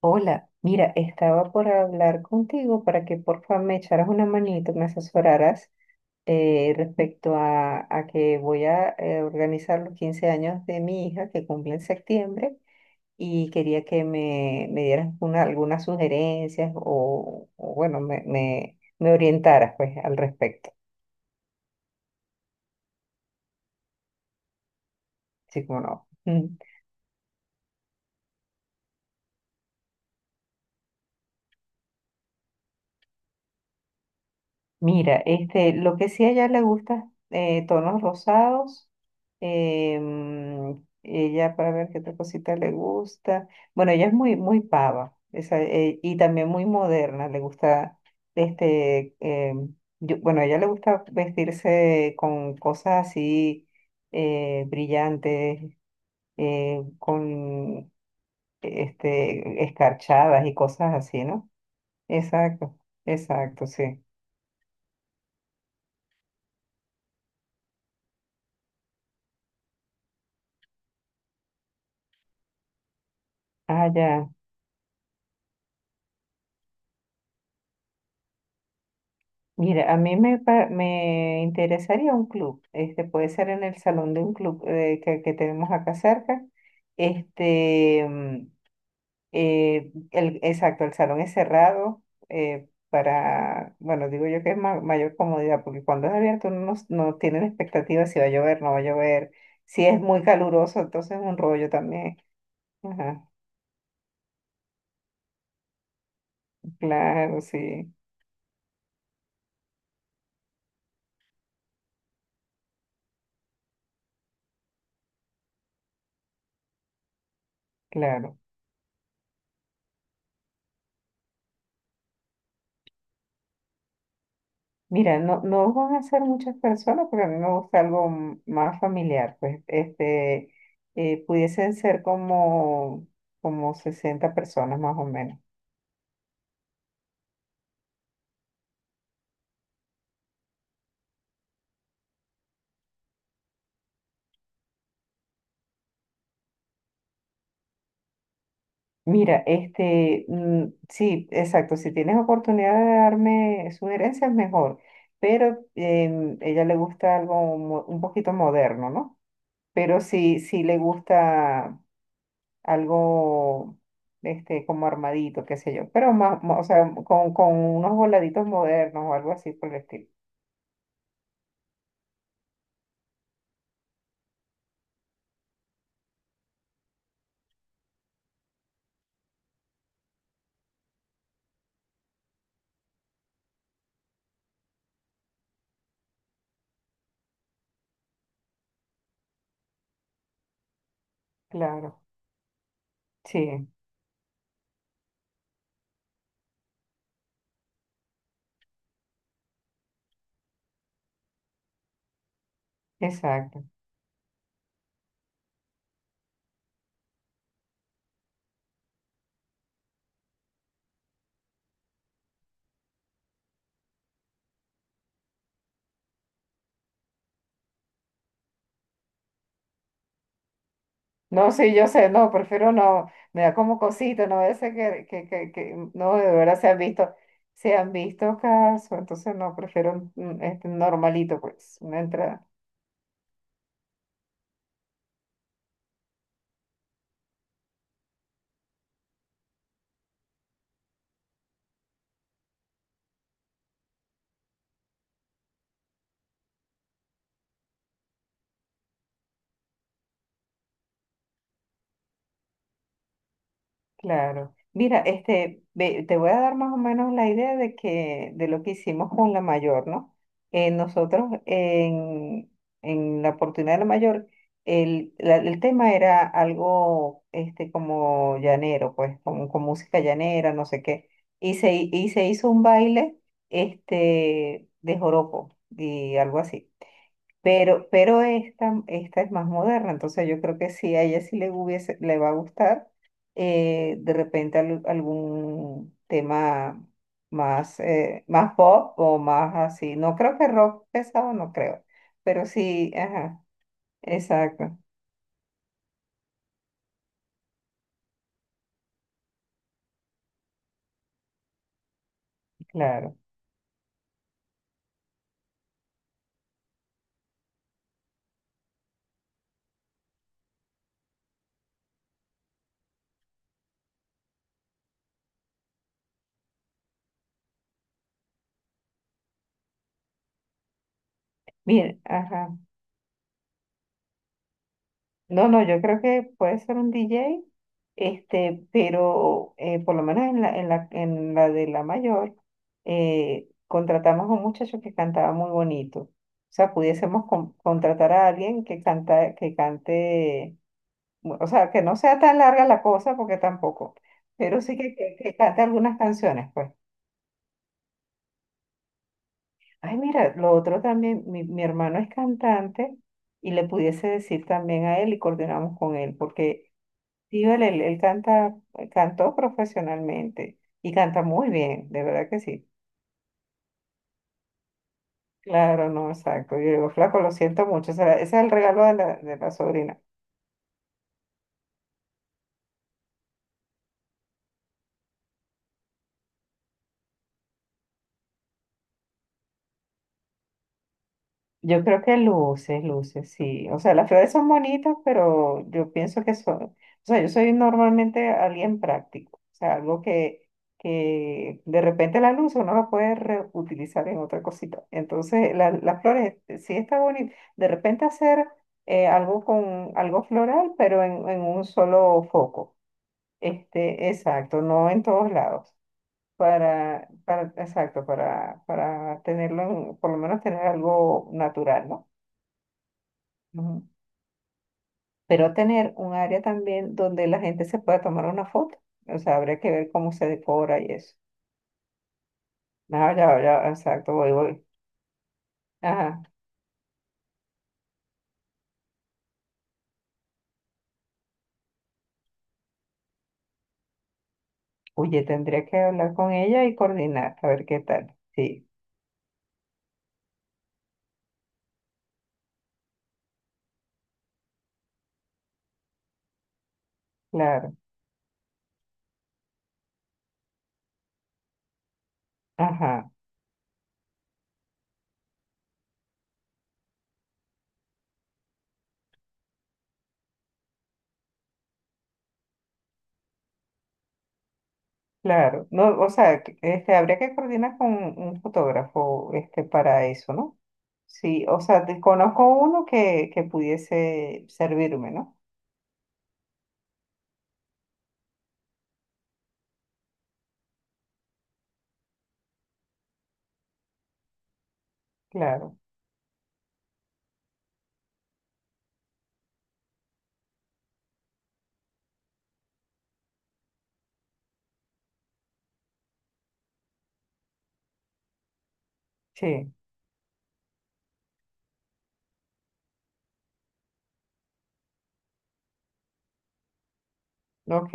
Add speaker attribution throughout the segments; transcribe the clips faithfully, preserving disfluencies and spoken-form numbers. Speaker 1: Hola, mira, estaba por hablar contigo para que por favor me echaras una manito, me asesoraras eh, respecto a, a que voy a eh, organizar los quince años de mi hija que cumple en septiembre, y quería que me, me dieras una- algunas sugerencias o, o bueno, me, me, me orientaras, pues, al respecto. Sí, como no. Mira, este, lo que sí a ella le gusta, eh, tonos rosados. em, ella, para ver qué otra cosita le gusta. Bueno, ella es muy, muy pava, esa, eh, y también muy moderna. Le gusta, este, em, yo- bueno, a ella le gusta vestirse con cosas así eh, brillantes, eh, con este, escarchadas y cosas así, ¿no? Exacto, exacto, sí. Ah, ya. Mira, a mí me, pa- me interesaría un club, este puede ser en el salón de un club eh, que, que tenemos acá cerca. Este, mm, eh, el, exacto, el salón es cerrado eh, para, bueno, digo yo que es ma- mayor comodidad, porque cuando es abierto uno no, s- no tiene la expectativa si va a llover, no va a llover, si es muy caluroso, entonces es un rollo también. Ajá, claro, sí, claro. Mira, no, no van a ser muchas personas, pero a mí me gusta algo m- más familiar. Pues este, eh, pudiesen ser como, como sesenta personas más o menos. Mira, este, mm, sí, exacto. Si tienes oportunidad de darme sugerencias, mejor. Pero em, ella le gusta algo mo- un poquito moderno, ¿no? Pero sí, sí le gusta algo este, como armadito, qué sé yo, pero más, más, o sea, con, con unos voladitos modernos o algo así por el estilo. Claro, sí, exacto. No, sí, yo sé, no, prefiero no, me da como cosita, no vaya a ser que, que, que, que- mm, no, de verdad se han visto, se han visto casos, entonces no, prefiero mm, este normalito, pues, una entrada. Claro. Mira, este, ve- te voy a dar más o menos la idea de que, de lo que hicimos con la mayor, ¿no? Eh, nosotros en, en la oportunidad de la mayor, el, la- el tema era algo este, como llanero, pues, como, con música llanera, no sé qué. Y se, hi- y se hizo un baile este, de joropo y algo así. Pero, pero esta, esta es más moderna, entonces yo creo que sí, a ella sí le hubiese, le va a gustar eh, de repente al- algún tema más, eh, más pop o más así. No creo que rock pesado, no creo, pero sí, ajá, exacto, claro. Mira, ajá. No, no, yo creo que puede ser un D J, este, pero eh, por lo menos en la, en la, en la de la mayor, eh, contratamos a un muchacho que cantaba muy bonito. O sea, pudiésemos con- contratar a alguien que canta, que cante, o sea, que no sea tan larga la cosa, porque tampoco, pero sí que, que, que cante algunas canciones, pues. Ay, mira, lo otro también, mi, mi hermano es cantante y le pudiese decir también a él y coordinamos con él, porque sí, vale, él, él canta, eh, cantó profesionalmente y canta muy bien, de verdad que sí. Claro, no, exacto. Yo digo, flaco, lo siento mucho. será- ese es el regalo de la, de la sobrina. Yo creo que luces, luces, sí. O sea, las flores son bonitas, pero yo pienso que son, o sea, yo soy normalmente alguien práctico, o sea, algo que, que de repente la luz uno la puede reutilizar en otra cosita. Entonces, la- las flores eh, sí está bonito. De repente hacer eh, algo con algo floral, pero en, en un solo foco. Este, exacto, no en todos lados. Para, para, exacto, para, para tenerlo, en- por lo menos tener algo natural, ¿no? Ujú. Pero tener un área también donde la gente se pueda tomar una foto. O sea, habría que ver cómo se decora y eso. No, ya, ya, exacto, voy, voy. Ajá. Oye, tendría que hablar con ella y coordinar, a ver qué tal. Sí, claro. Ajá, claro. No, o sea, que- este, habría que coordinar con un fotógrafo, este, para eso, ¿no? Sí, o sea, desconozco uno que, que pudiese servirme, ¿no? Claro, sí, ok.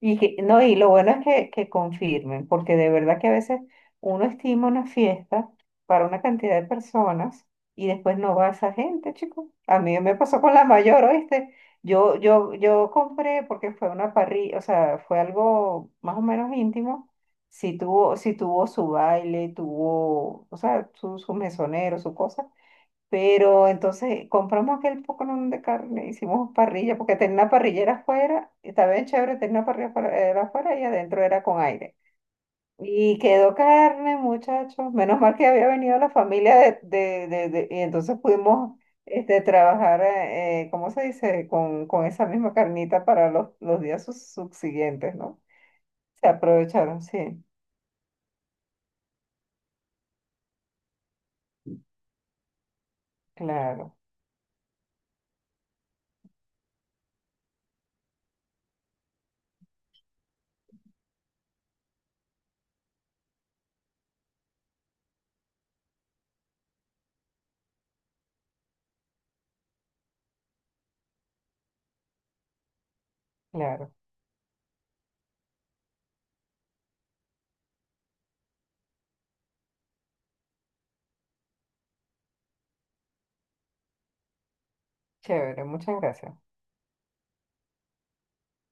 Speaker 1: Y que, no, y lo bueno es que, que confirmen, porque de verdad que a veces uno estima una fiesta para una cantidad de personas y después no va esa gente, chicos. A mí me pasó con la mayor, ¿oíste? Yo, yo, yo compré porque fue una parrilla, o sea, fue algo más o menos íntimo. Sí tuvo, sí tuvo su baile, tuvo, o sea, su, su mesonero, su cosa, pero entonces compramos aquel poconón de carne, hicimos parrilla, porque tenía una parrillera afuera, y estaba bien chévere, tenía una parrilla afuera, era afuera y adentro era con aire. Y quedó carne, muchachos. Menos mal que había venido la familia de, de, de- de- y entonces pudimos este, trabajar, eh, ¿cómo se dice? Con, con esa misma carnita para los, los días sus- subsiguientes, ¿no? Se aprovecharon, sí, claro, claro. Chévere, muchas gracias.